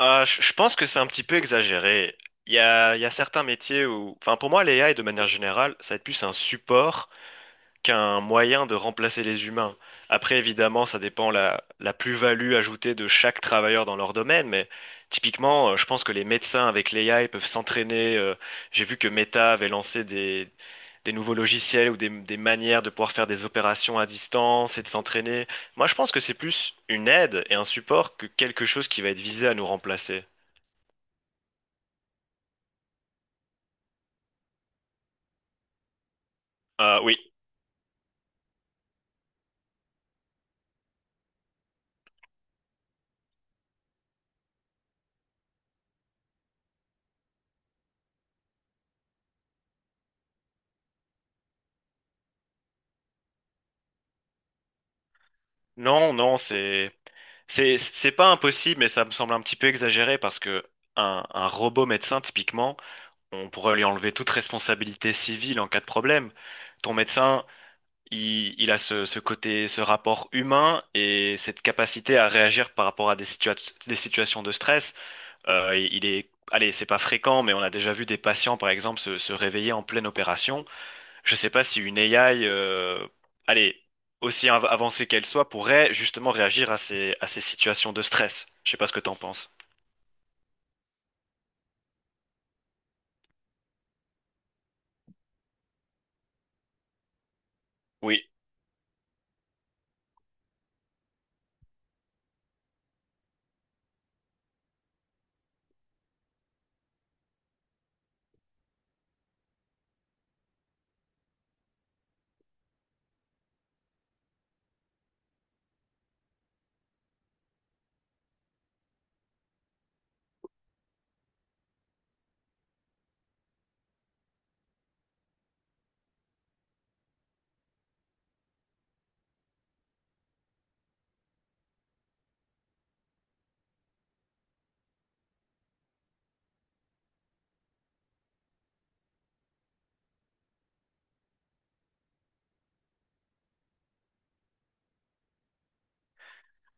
Je pense que c'est un petit peu exagéré. Il y a certains métiers où, enfin pour moi, l'AI de manière générale, ça va être plus un support qu'un moyen de remplacer les humains. Après, évidemment, ça dépend la plus-value ajoutée de chaque travailleur dans leur domaine, mais typiquement, je pense que les médecins avec l'AI peuvent s'entraîner. J'ai vu que Meta avait lancé des nouveaux logiciels ou des manières de pouvoir faire des opérations à distance et de s'entraîner. Moi, je pense que c'est plus une aide et un support que quelque chose qui va être visé à nous remplacer. Oui. Non, non, c'est pas impossible, mais ça me semble un petit peu exagéré parce que un robot médecin, typiquement, on pourrait lui enlever toute responsabilité civile en cas de problème. Ton médecin, il a ce côté, ce rapport humain et cette capacité à réagir par rapport à des situations de stress. Il est, allez, c'est pas fréquent, mais on a déjà vu des patients, par exemple, se réveiller en pleine opération. Je sais pas si une AI, allez, aussi avancée qu'elle soit, pourrait justement réagir à à ces situations de stress. Je sais pas ce que t'en penses. Oui.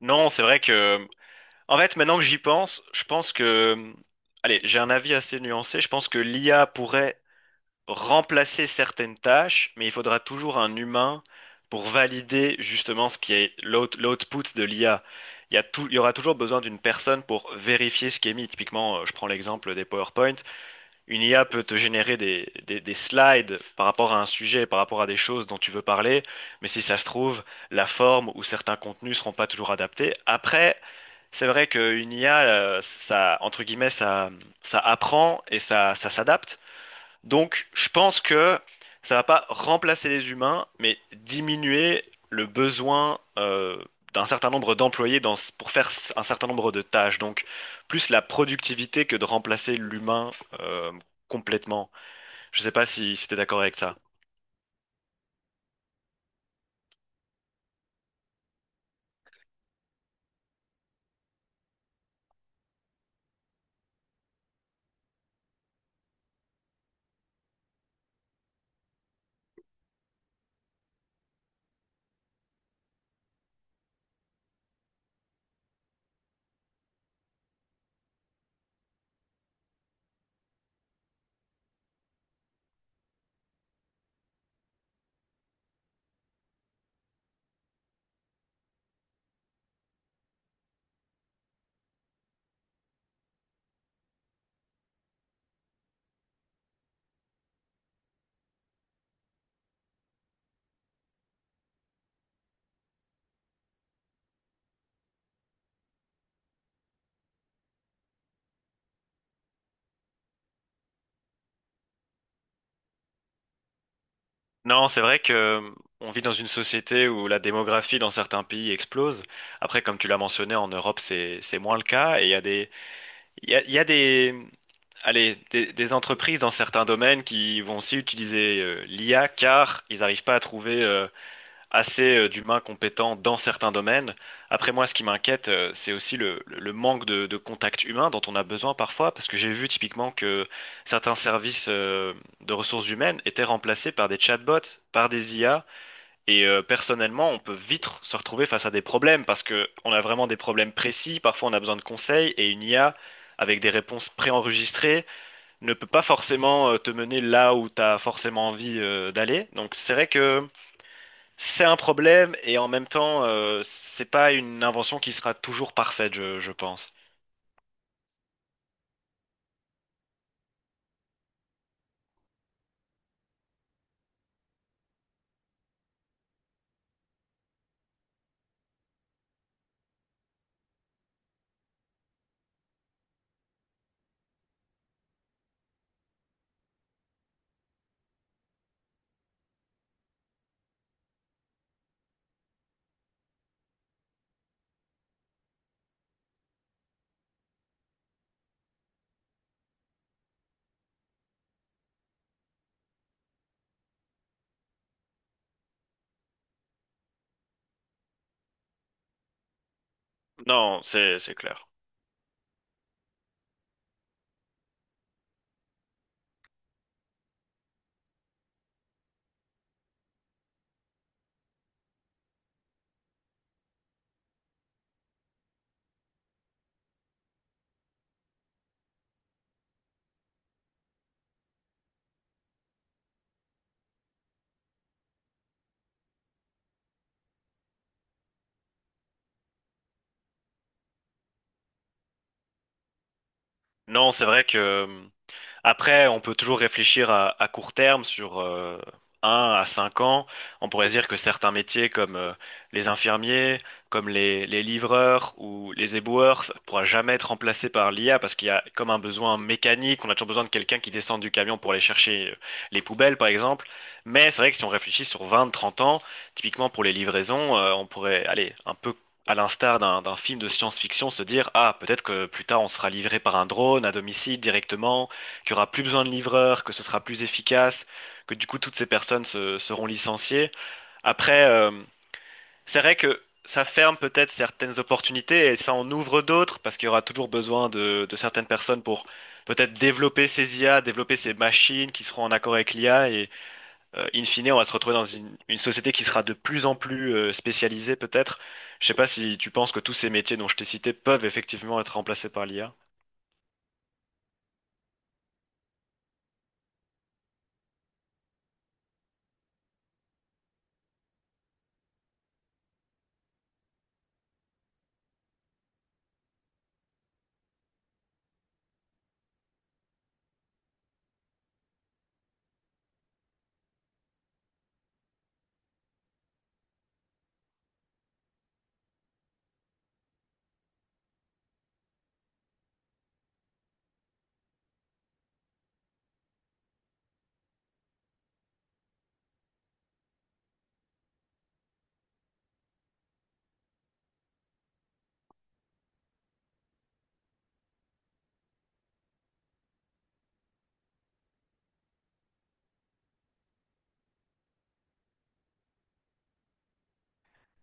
Non, en fait, maintenant que j'y pense, allez, j'ai un avis assez nuancé. Je pense que l'IA pourrait remplacer certaines tâches, mais il faudra toujours un humain pour valider justement ce qui est l'output de l'IA. Il y aura toujours besoin d'une personne pour vérifier ce qui est mis. Typiquement, je prends l'exemple des PowerPoint. Une IA peut te générer des slides par rapport à un sujet, par rapport à des choses dont tu veux parler, mais si ça se trouve, la forme ou certains contenus seront pas toujours adaptés. Après, c'est vrai qu'une IA, ça, entre guillemets, ça apprend et ça s'adapte. Donc, je pense que ça va pas remplacer les humains, mais diminuer le besoin d'un certain nombre d'employés dans, pour faire un certain nombre de tâches. Donc, plus la productivité que de remplacer l'humain euh, complètement. Je sais pas si t'es d'accord avec ça. Non, c'est vrai que on vit dans une société où la démographie dans certains pays explose. Après, comme tu l'as mentionné, en Europe, c'est moins le cas. Et il y a des entreprises dans certains domaines qui vont aussi utiliser l'IA car ils n'arrivent pas à trouver assez d'humains compétents dans certains domaines. Après moi, ce qui m'inquiète, c'est aussi le manque de contact humain dont on a besoin parfois, parce que j'ai vu typiquement que certains services de ressources humaines étaient remplacés par des chatbots, par des IA, et personnellement, on peut vite se retrouver face à des problèmes, parce que on a vraiment des problèmes précis, parfois on a besoin de conseils, et une IA avec des réponses préenregistrées, ne peut pas forcément te mener là où tu as forcément envie d'aller. Donc c'est vrai que c'est un problème et en même temps, c'est pas une invention qui sera toujours parfaite, je pense. Non, c'est clair. Non, c'est vrai que. Après, on peut toujours réfléchir à court terme sur 1 à 5 ans. On pourrait se dire que certains métiers comme les infirmiers, comme les livreurs ou les éboueurs, ça ne pourra jamais être remplacé par l'IA parce qu'il y a comme un besoin mécanique. On a toujours besoin de quelqu'un qui descende du camion pour aller chercher les poubelles, par exemple. Mais c'est vrai que si on réfléchit sur 20, 30 ans, typiquement pour les livraisons, on pourrait aller un peu à l'instar d'un film de science-fiction, se dire, ah, peut-être que plus tard on sera livré par un drone à domicile directement, qu'il y aura plus besoin de livreurs, que ce sera plus efficace, que du coup toutes ces personnes seront licenciées. Après, c'est vrai que ça ferme peut-être certaines opportunités et ça en ouvre d'autres parce qu'il y aura toujours besoin de certaines personnes pour peut-être développer ces IA, développer ces machines qui seront en accord avec l'IA et in fine on va se retrouver dans une société qui sera de plus en plus spécialisée peut-être. Je sais pas si tu penses que tous ces métiers dont je t'ai cités peuvent effectivement être remplacés par l'IA.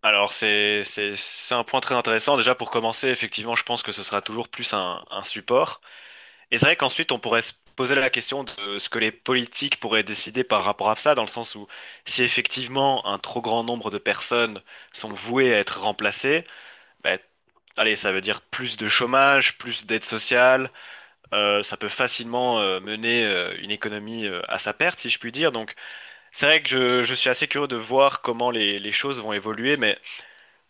Alors c'est un point très intéressant. Déjà pour commencer, effectivement, je pense que ce sera toujours plus un support. Et c'est vrai qu'ensuite on pourrait se poser la question de ce que les politiques pourraient décider par rapport à ça, dans le sens où si effectivement un trop grand nombre de personnes sont vouées à être remplacées, bah, allez, ça veut dire plus de chômage, plus d'aide sociale. Ça peut facilement mener une économie à sa perte, si je puis dire. Donc, c'est vrai que je suis assez curieux de voir comment les choses vont évoluer, mais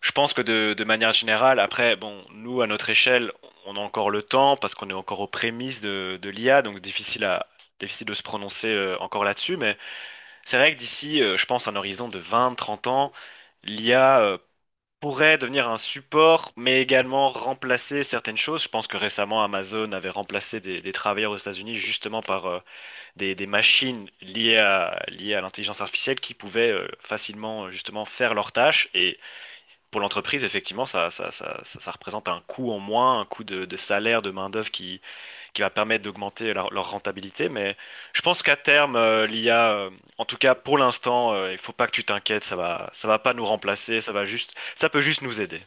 je pense que de manière générale, après, bon, nous, à notre échelle, on a encore le temps parce qu'on est encore aux prémices de l'IA, donc difficile de se prononcer encore là-dessus, mais c'est vrai que d'ici, je pense, un horizon de 20, 30 ans, l'IA pourrait devenir un support, mais également remplacer certaines choses. Je pense que récemment, Amazon avait remplacé des travailleurs aux États-Unis justement par des machines liées liées à l'intelligence artificielle qui pouvaient facilement justement faire leurs tâches. Et pour l'entreprise, effectivement, ça représente un coût en moins, un coût de salaire, de main-d'œuvre qui va permettre d'augmenter leur rentabilité. Mais je pense qu'à terme, en tout cas pour l'instant, il faut pas que tu t'inquiètes, ça va pas nous remplacer, ça peut juste nous aider.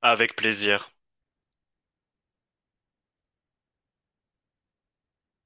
Avec plaisir.